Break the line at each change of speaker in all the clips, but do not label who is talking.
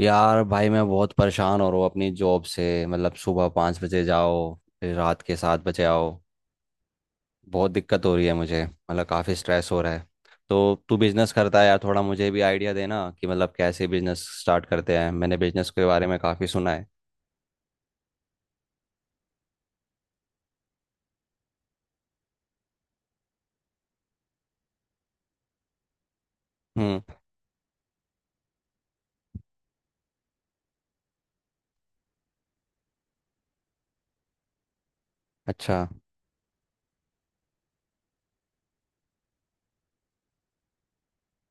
यार भाई, मैं बहुत परेशान हो रहा हूँ अपनी जॉब से। मतलब सुबह 5 बजे जाओ, फिर रात के 7 बजे आओ। बहुत दिक्कत हो रही है मुझे, मतलब काफ़ी स्ट्रेस हो रहा है। तो तू बिजनेस करता है यार, थोड़ा मुझे भी आइडिया देना कि मतलब कैसे बिजनेस स्टार्ट करते हैं। मैंने बिजनेस के बारे में काफ़ी सुना है। हम्म। अच्छा।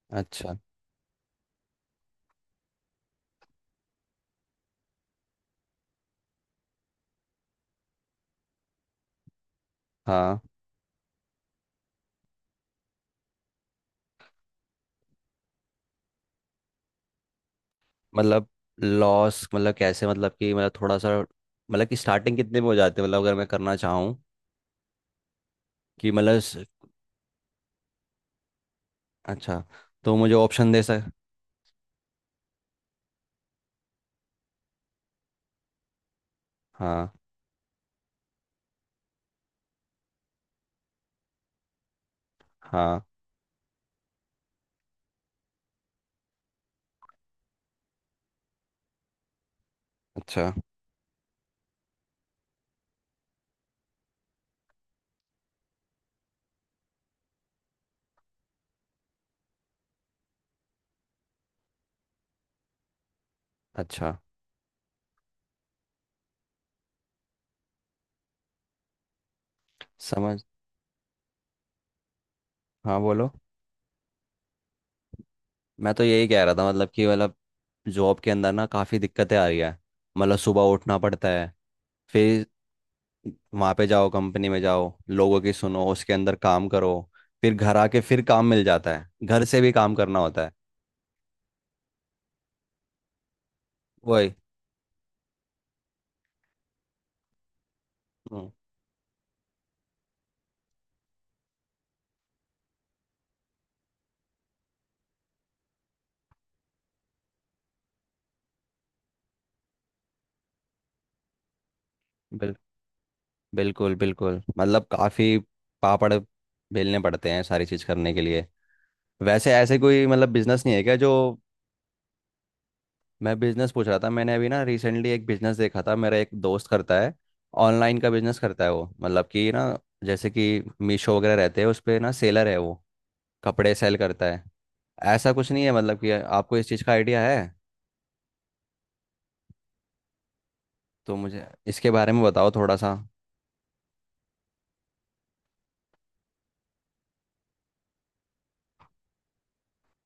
अच्छा। हाँ। मतलब लॉस मतलब कैसे, मतलब कि मतलब थोड़ा सा, मतलब कि स्टार्टिंग कितने में हो जाते हैं, मतलब अगर मैं करना चाहूँ कि मतलब अच्छा। तो मुझे ऑप्शन दे सक हाँ। हाँ। अच्छा। अच्छा। समझ। हाँ, बोलो। मैं तो यही कह रहा था, मतलब कि मतलब जॉब के अंदर ना काफ़ी दिक्कतें आ रही है। मतलब सुबह उठना पड़ता है। फिर वहाँ पे जाओ, कंपनी में जाओ, लोगों की सुनो, उसके अंदर काम करो। फिर घर आके फिर काम मिल जाता है, घर से भी काम करना होता है। वही। हम्म, बिल, बिल्कुल बिल्कुल। मतलब काफ़ी पापड़ बेलने पड़ते हैं सारी चीज़ करने के लिए। वैसे ऐसे कोई मतलब बिजनेस नहीं है क्या जो। मैं बिजनेस पूछ रहा था। मैंने अभी ना रिसेंटली एक बिजनेस देखा था, मेरा एक दोस्त करता है, ऑनलाइन का बिजनेस करता है वो, मतलब कि ना जैसे कि मीशो वगैरह रहते हैं उस पे ना सेलर है वो, कपड़े सेल करता है। ऐसा कुछ नहीं है, मतलब कि आपको इस चीज़ का आइडिया है। तो मुझे इसके बारे में बताओ थोड़ा सा।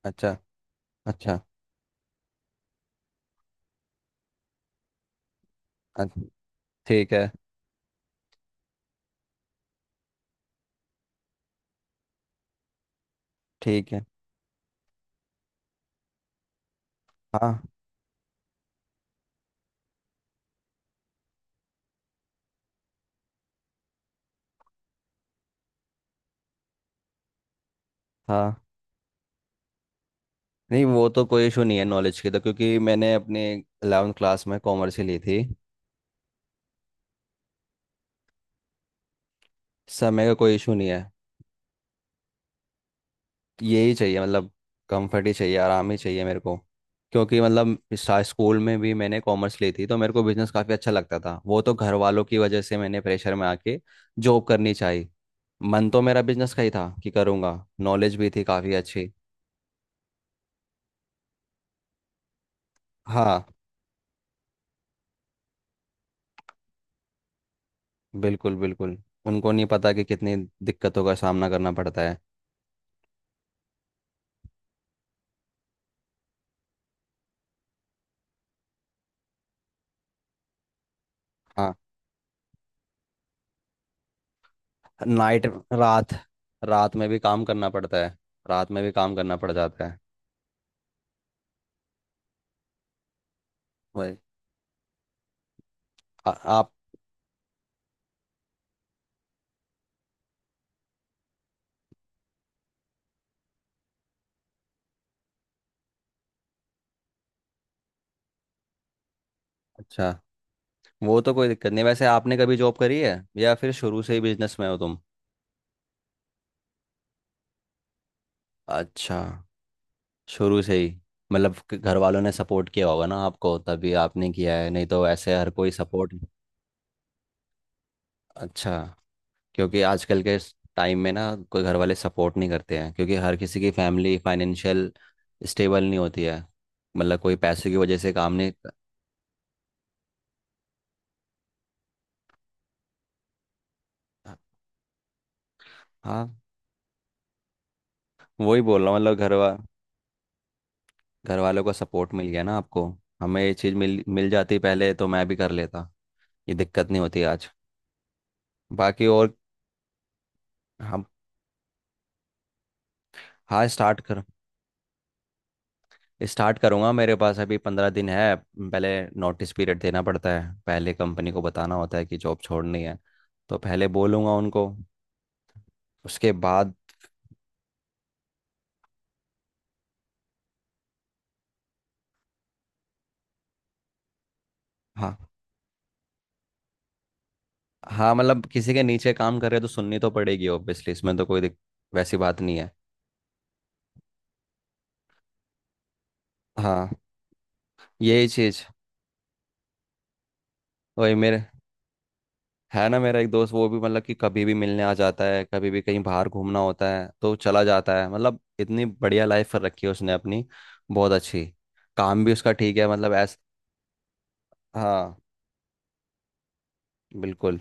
अच्छा। अच्छा। अच्छा। ठीक है। ठीक है। हाँ। हाँ। नहीं, वो तो कोई इशू नहीं है नॉलेज की, तो क्योंकि मैंने अपने 11th क्लास में कॉमर्स ही ली थी। समय का कोई इशू नहीं है। यही चाहिए, मतलब कंफर्ट ही चाहिए, आराम ही चाहिए मेरे को। क्योंकि मतलब स्कूल में भी मैंने कॉमर्स ली थी, तो मेरे को बिजनेस काफ़ी अच्छा लगता था। वो तो घर वालों की वजह से मैंने प्रेशर में आके जॉब करनी चाहिए। मन तो मेरा बिजनेस का ही था कि करूँगा। नॉलेज भी थी काफ़ी अच्छी। हाँ, बिल्कुल बिल्कुल। उनको नहीं पता कि कितनी दिक्कतों का सामना करना पड़ता है। हाँ। नाइट। रात। रात में भी काम करना पड़ता है। रात में भी काम करना पड़ जाता है। वही। आप। अच्छा। वो तो कोई दिक्कत नहीं, वैसे आपने कभी जॉब करी है या फिर शुरू से ही बिजनेस में हो तुम। अच्छा। शुरू से ही। मतलब कि घर वालों ने सपोर्ट किया होगा ना आपको, तभी आपने किया है, नहीं तो ऐसे हर कोई सपोर्ट। अच्छा। क्योंकि आजकल के टाइम में ना कोई घर वाले सपोर्ट नहीं करते हैं, क्योंकि हर किसी की फैमिली फाइनेंशियल स्टेबल नहीं होती है। मतलब कोई पैसे की वजह से काम नहीं। हाँ। वही बोल रहा हूँ, मतलब घर वा घर वालों का सपोर्ट मिल गया ना आपको। हमें ये चीज़ मिल मिल जाती पहले तो मैं भी कर लेता। ये दिक्कत नहीं होती आज। बाकी और। हम। हाँ, स्टार्ट कर। स्टार्ट करूँगा। मेरे पास अभी 15 दिन है। पहले नोटिस पीरियड देना पड़ता है, पहले कंपनी को बताना होता है कि जॉब छोड़नी है। तो पहले बोलूँगा उनको, उसके बाद। हाँ। हाँ मतलब किसी के नीचे काम कर रहे तो सुननी तो पड़ेगी ऑब्वियसली, इसमें तो कोई वैसी बात नहीं है। हाँ, यही चीज़। वही मेरे। है ना, मेरा एक दोस्त, वो भी मतलब कि कभी भी मिलने आ जाता है, कभी भी कहीं बाहर घूमना होता है तो चला जाता है। मतलब इतनी बढ़िया लाइफ कर रखी है उसने अपनी। बहुत अच्छी। काम भी उसका ठीक है, मतलब ऐस हाँ। बिल्कुल।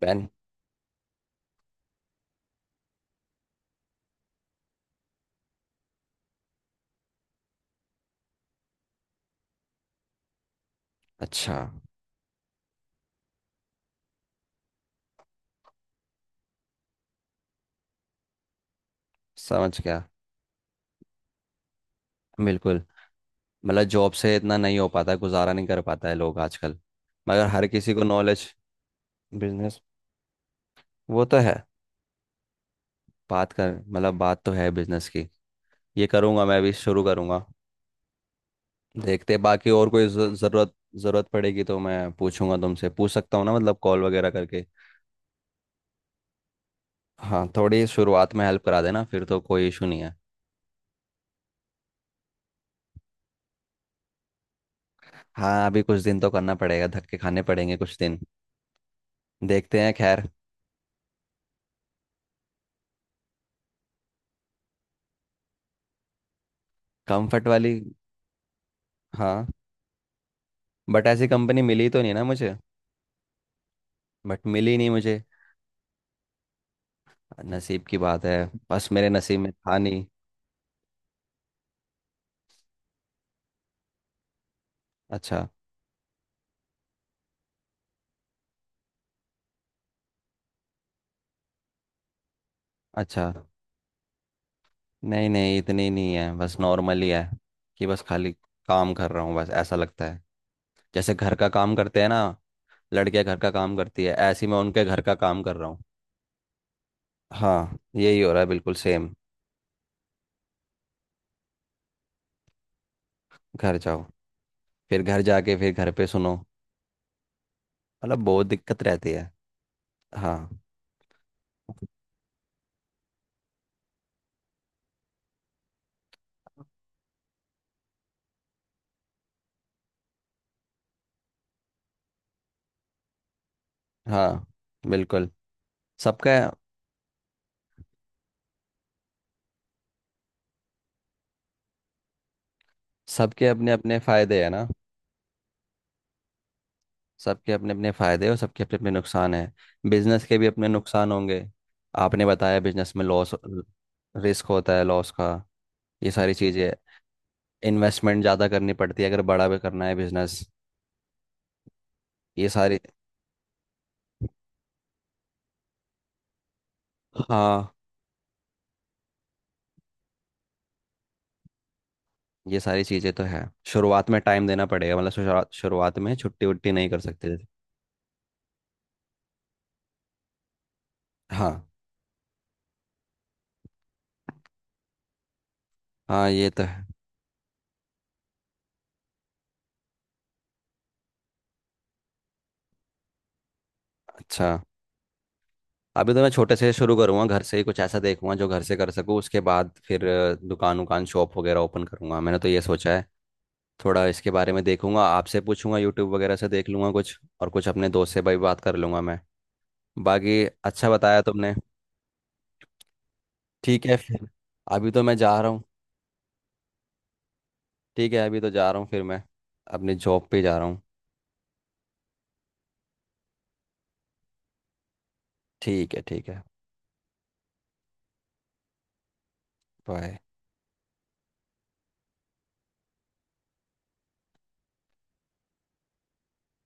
पेन। अच्छा। समझ गया। बिल्कुल। मतलब जॉब से इतना नहीं हो पाता, गुजारा नहीं कर पाता है लोग आजकल। मगर हर किसी को नॉलेज। बिजनेस। वो तो है। बात कर, मतलब बात तो है बिजनेस की। ये करूँगा, मैं भी शुरू करूँगा। देखते हैं, बाकी और कोई जरूरत जरूरत पड़ेगी तो मैं पूछूंगा तुमसे, पूछ सकता हूँ ना मतलब कॉल वगैरह करके। हाँ, थोड़ी शुरुआत में हेल्प करा देना फिर तो कोई इशू नहीं है। हाँ, अभी कुछ दिन तो करना पड़ेगा, धक्के खाने पड़ेंगे कुछ दिन। देखते हैं खैर। कंफर्ट वाली। हाँ। बट ऐसी कंपनी मिली तो नहीं ना मुझे। बट मिली नहीं मुझे। नसीब की बात है। बस मेरे नसीब में था नहीं। अच्छा। अच्छा। नहीं नहीं, इतनी नहीं है, बस नॉर्मल ही है। कि बस खाली काम कर रहा हूँ बस, ऐसा लगता है जैसे घर का काम करते हैं ना, लड़कियां घर का काम करती है, ऐसे ही मैं उनके घर का काम कर रहा हूँ। हाँ, यही हो रहा है बिल्कुल सेम। घर जाओ। फिर घर जाके फिर घर पे सुनो। मतलब बहुत दिक्कत रहती है। हाँ। हाँ। बिल्कुल। सबका। सबके अपने अपने फायदे है ना। सबके अपने अपने फायदे और सबके अपने अपने नुकसान है। बिजनेस के भी अपने नुकसान होंगे। आपने बताया बिजनेस में लॉस। रिस्क होता है लॉस का। ये सारी चीज़ें इन्वेस्टमेंट ज़्यादा करनी पड़ती है अगर बड़ा भी करना है बिजनेस। ये सारी। हाँ, ये सारी चीज़ें तो है। शुरुआत में टाइम देना पड़ेगा, मतलब शुरुआत शुरुआत में छुट्टी वुट्टी नहीं कर सकते जैसे। हाँ। हाँ, ये तो है। अच्छा। अभी तो मैं छोटे से शुरू करूँगा, घर से ही कुछ ऐसा देखूंगा जो घर से कर सकूँ। उसके बाद फिर दुकान उकान शॉप वगैरह ओपन करूँगा, मैंने तो ये सोचा है। थोड़ा इसके बारे में देखूंगा, आपसे पूछूंगा, यूट्यूब वगैरह से देख लूंगा कुछ, और कुछ अपने दोस्त से भाई बात कर लूंगा मैं। बाकी अच्छा बताया तुमने। ठीक है फिर। अभी तो मैं जा रहा हूँ। ठीक है, अभी तो जा रहा हूँ फिर मैं। अपनी जॉब पे जा रहा हूँ। ठीक है, ठीक है। बाय।